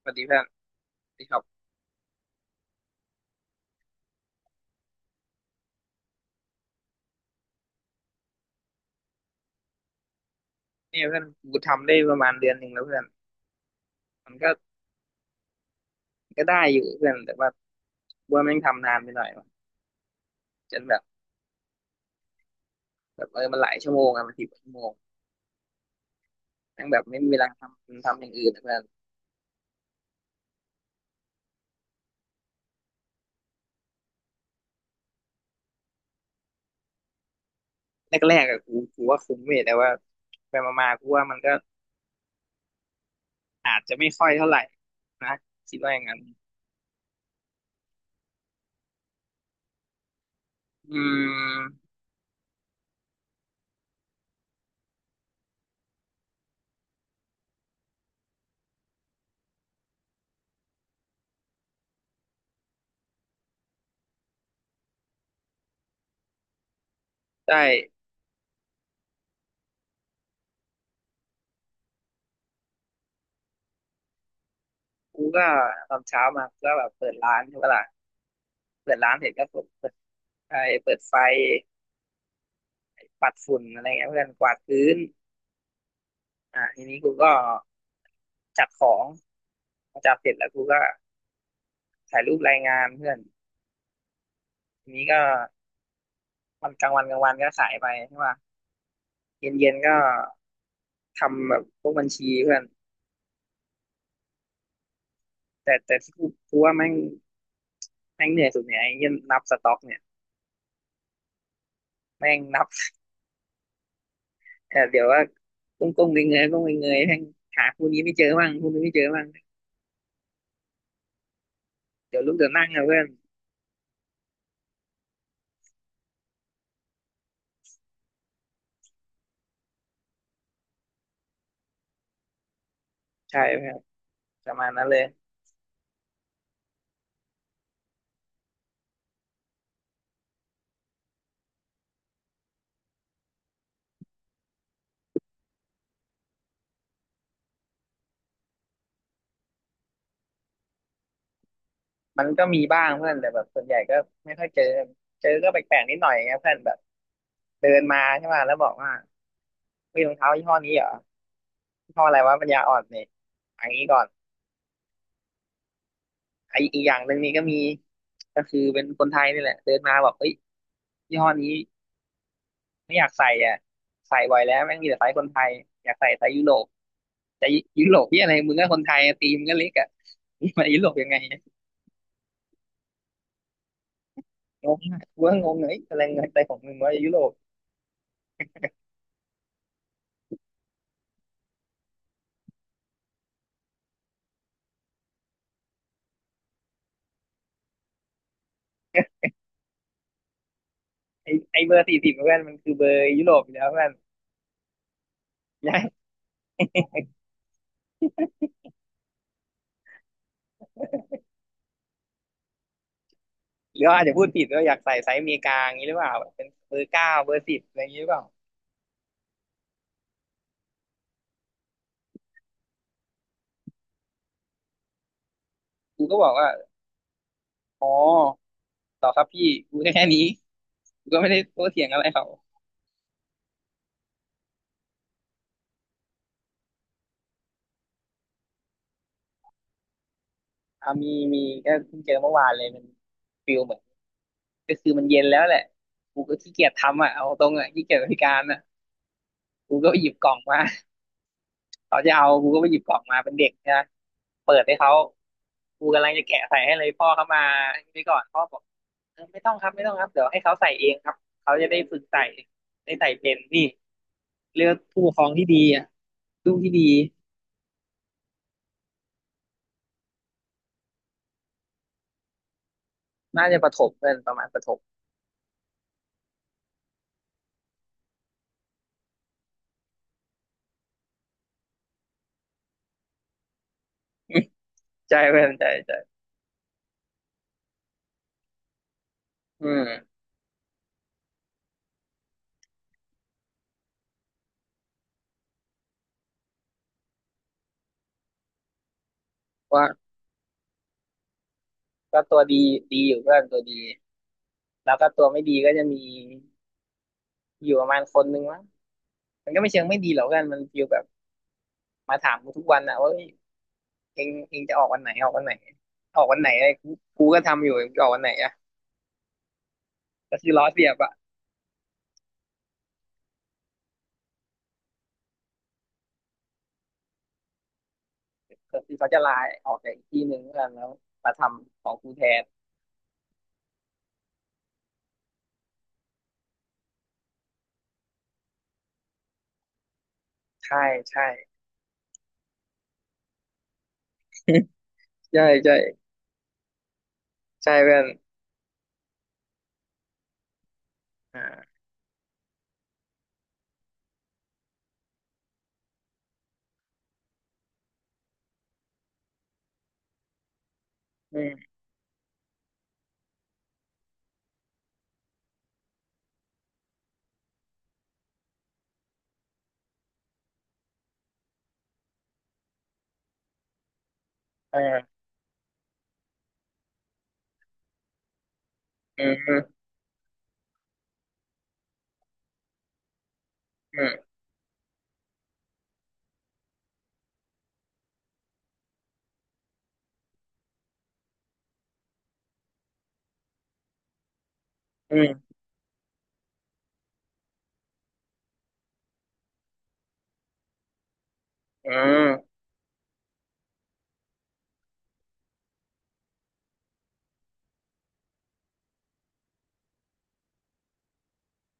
สวัสดีเพื่อนสวัสดีครับเนี่ยเพื่อนกูทำได้ประมาณเดือนหนึ่งแล้วเพื่อนมันก็ได้อยู่เพื่อน แต่ว่าแม่งทำนานไปหน่อยวะจนแบบมันหลายชั่วโมงอะมัน10 ชั่วโมงแม่งแบบไม่มีเวลาทำอย่างอื่นอะเพื่อนแรกๆอะกูว่าคุ้มเว้ยแต่ว่า ไปมาๆกูว่ามันก็อาจจะไม่ค่อยเท่าไหร่นะ คิดว่าอย่างนั้นอืมใช่กูก็ตอนเช้ามาก็แบบเปิดร้านใช่ปะล่ะเปิดร้านเสร็จก็เปิดไฟเปิดไฟปัดฝุ่นอะไรเงี้ยเพื่อนกวาดพื้นอ่ะทีนี้กูก็ จัดของพอจัดเสร็จแล้วกูก็ถ่ายรูปรายงานเพื่อนทีนี้ก็วันกลางวันกลางวันก็ขายไปใช่ป่ะเย็นเย็นก็ทำแบบพวกบัญชีเพื่อนแต่ที่กูว่าแม่งแม่งเหนื่อยสุดเนี่ยไอ้เหี้ยนับสต็อกเนี่ยแม่งนับเออเดี๋ยวว่าก้มก้มเงยเงยๆก้มเงยเงยๆแม่งหาคู่นี้ไม่เจอบ้างคู่นี้ไม่เจอบ้างเดี๋ยวลุกเดี๋ยวนั่งนะเพื่อนใช่เพื่อนประมาณนั้นเลยมันก็มีบ้างเพื่อนแต่แบบส่วนใหญ่ก็ไม่ค่อยเจอเจอก็แปลกๆนิดหน่อยไงเพื่อนแบบเดินมาใช่ป่ะแล้วบอกว่ามีรองเท้ายี่ห้อนี้เหรอ ข้ออะไรวะปัญญาอ่อนเนี่ยอันนี้ก่อนอีกอย่างหนึ่งนี่ก็มีก็คือเป็นคนไทยนี่แหละเดินมาบอกเอ้ยยี่ห้อนี้ไม่อยากใส่อ่ะใส่บ่อยแล้วแม่งมีแต่ไซส์คนไทยอยากใส่ไซส์ยุโรปแต่ยุโรปที่อะไรมึงก็คนไทยตีมงก็เล็กอ่ะนี่มายุโรปยังไงเนี่ยงงอะกูก็งงเลยอะไรเงินใจของมึงว่ายุโรปไอไอเบอร์40เพื่อนมันคือเบอร์ยุโรปอยู่แล้วเพื่อน ย้ายหรือว่าอาจจะพูดผิดว่าอยากใส่ไซส์อเมริกาอย่างนี้หรือเปล่าแบบเป็นเบอร์เก้าเบอร์สิบอะไรอย่างนี้หรือเปล่ากูก็บอกว่าอ๋อต่อครับพี่กูแค่นี้ ก็ไม่ได้โต้เถียงอะไรเขาอ่ามีมีก็เพิ่งเจอเมื่อวานเลยมันฟิลเหมือนก็คือมันเย็นแล้วแหละกูก็ขี้เกียจทำอ่ะเอาตรงอ่ะขี้เกียจบริการอ่ะกูก็ไปหยิบกล่องมาเขาจะเอากูก็ไปหยิบกล่องมาเป็นเด็กนะเปิดให้เขากูกำลังจะแกะใส่ให้เลยพ่อเขามาไปก่อนพ่อบอกเออไม่ต้องครับไม่ต้องครับเดี๋ยวให้เขาใส่เองครับเขาจะได้ฝึกใส่ได้ใส่เป็นนี่เลือกผู้ปกครองที่ดีอ่ะลูกที่ดีน่าจะประถมเพื่อนประมาณประถม ใจเพื่อนใจใจอืมว่า ก็ตัวดีดีอยู่เพื่อนตัวดีแล้วก็ตัวไม่ดีก็จะมีอยู่ประมาณคนนึงมั้งมันก็ไม่เชิงไม่ดีหรอกกันมันฟีลแบบมาถามกูทุกวันอะว่าเอ้ยเองจะออกวันไหนออกวันไหนออกวันไหนอะไรกูกูก็ทำอยู่งจะออกวันไหนอะก็คือล้อเสียบอะก็คือเขาจะลาออกจากอีกที่หนึ่งเพื่อนแล้วมาทำของกูแทนใช่ใช่ใช่ใช่ใช่เพื่อนอ่าอืมเอออืมอืมอืมอืมอืม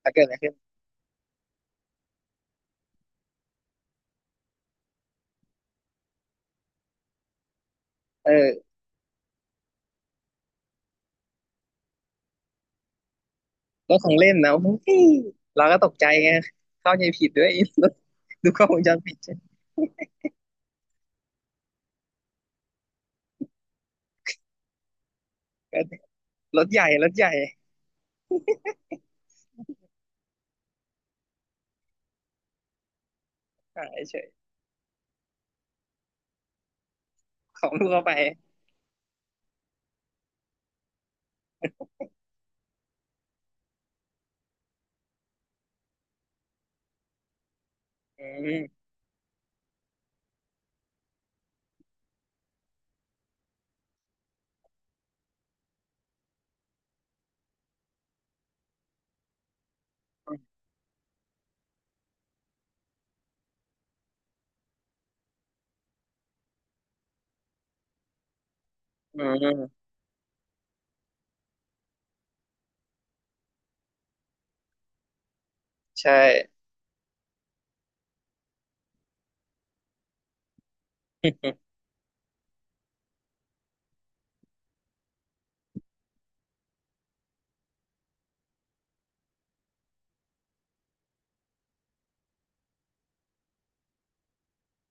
แล้วเกิดอะไรขึ้นเออ รถของเล่นนะ โอ้ยเราก็ตกใจไงเข้าใจผิดด้วย ไอรถดูกล้องวงจรปิดใช่ไหมก็รถใหญ่รถใหญ่หาเฉยของลูกเข้าไปอืมอืมใช่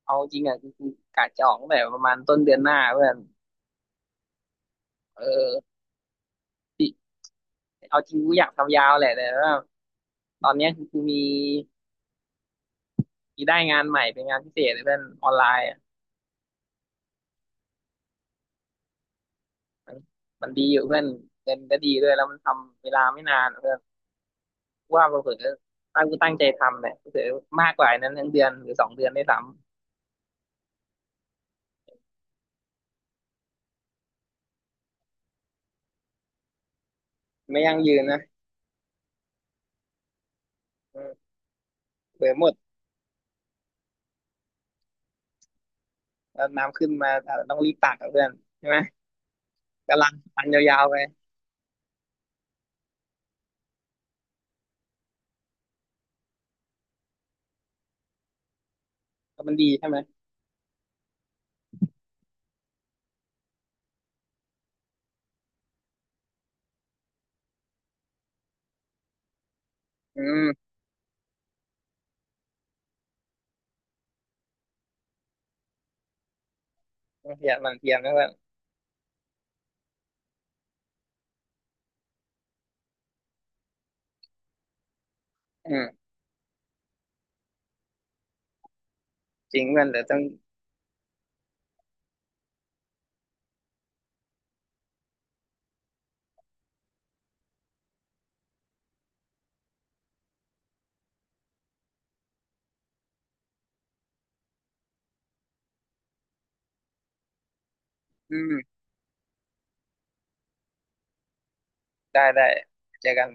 เอาจริงอ่ะจริงๆกะจะออกตั้งแต่ประมาณต้นเดือนหน้าเพื่อนเออที่เอาจริงกูอยากทำยาวแหละแต่ว่าตอนเนี้ยคือกูมีได้งานใหม่เป็นงานพิเศษเลยเพื่อนออนไลน์อะมันมันดีอยู่เพื่อนเงินก็ดีด้วยแล้วมันทำเวลาไม่นานเพื่อน กูว่าเผื่อตั้งกูตั้งใจทำเนี่ยเผื่อมากกว่านั้นทั้งเดือนหรือสองเดือนได้สำไม่ยั่งยืนนะอืมเผื่อหมดแล้วน้ำขึ้นมาอาจจะต้องรีบตักกับเพื่อนใช่ไหมกำลังปันยาวๆไปก็มันดีใช่ไหมอืมต้องเพียรมันเพียรนะเพื่อนอืมจริงเพื่อนเดี๋ยวต้องอืมได้ได้เจอกัน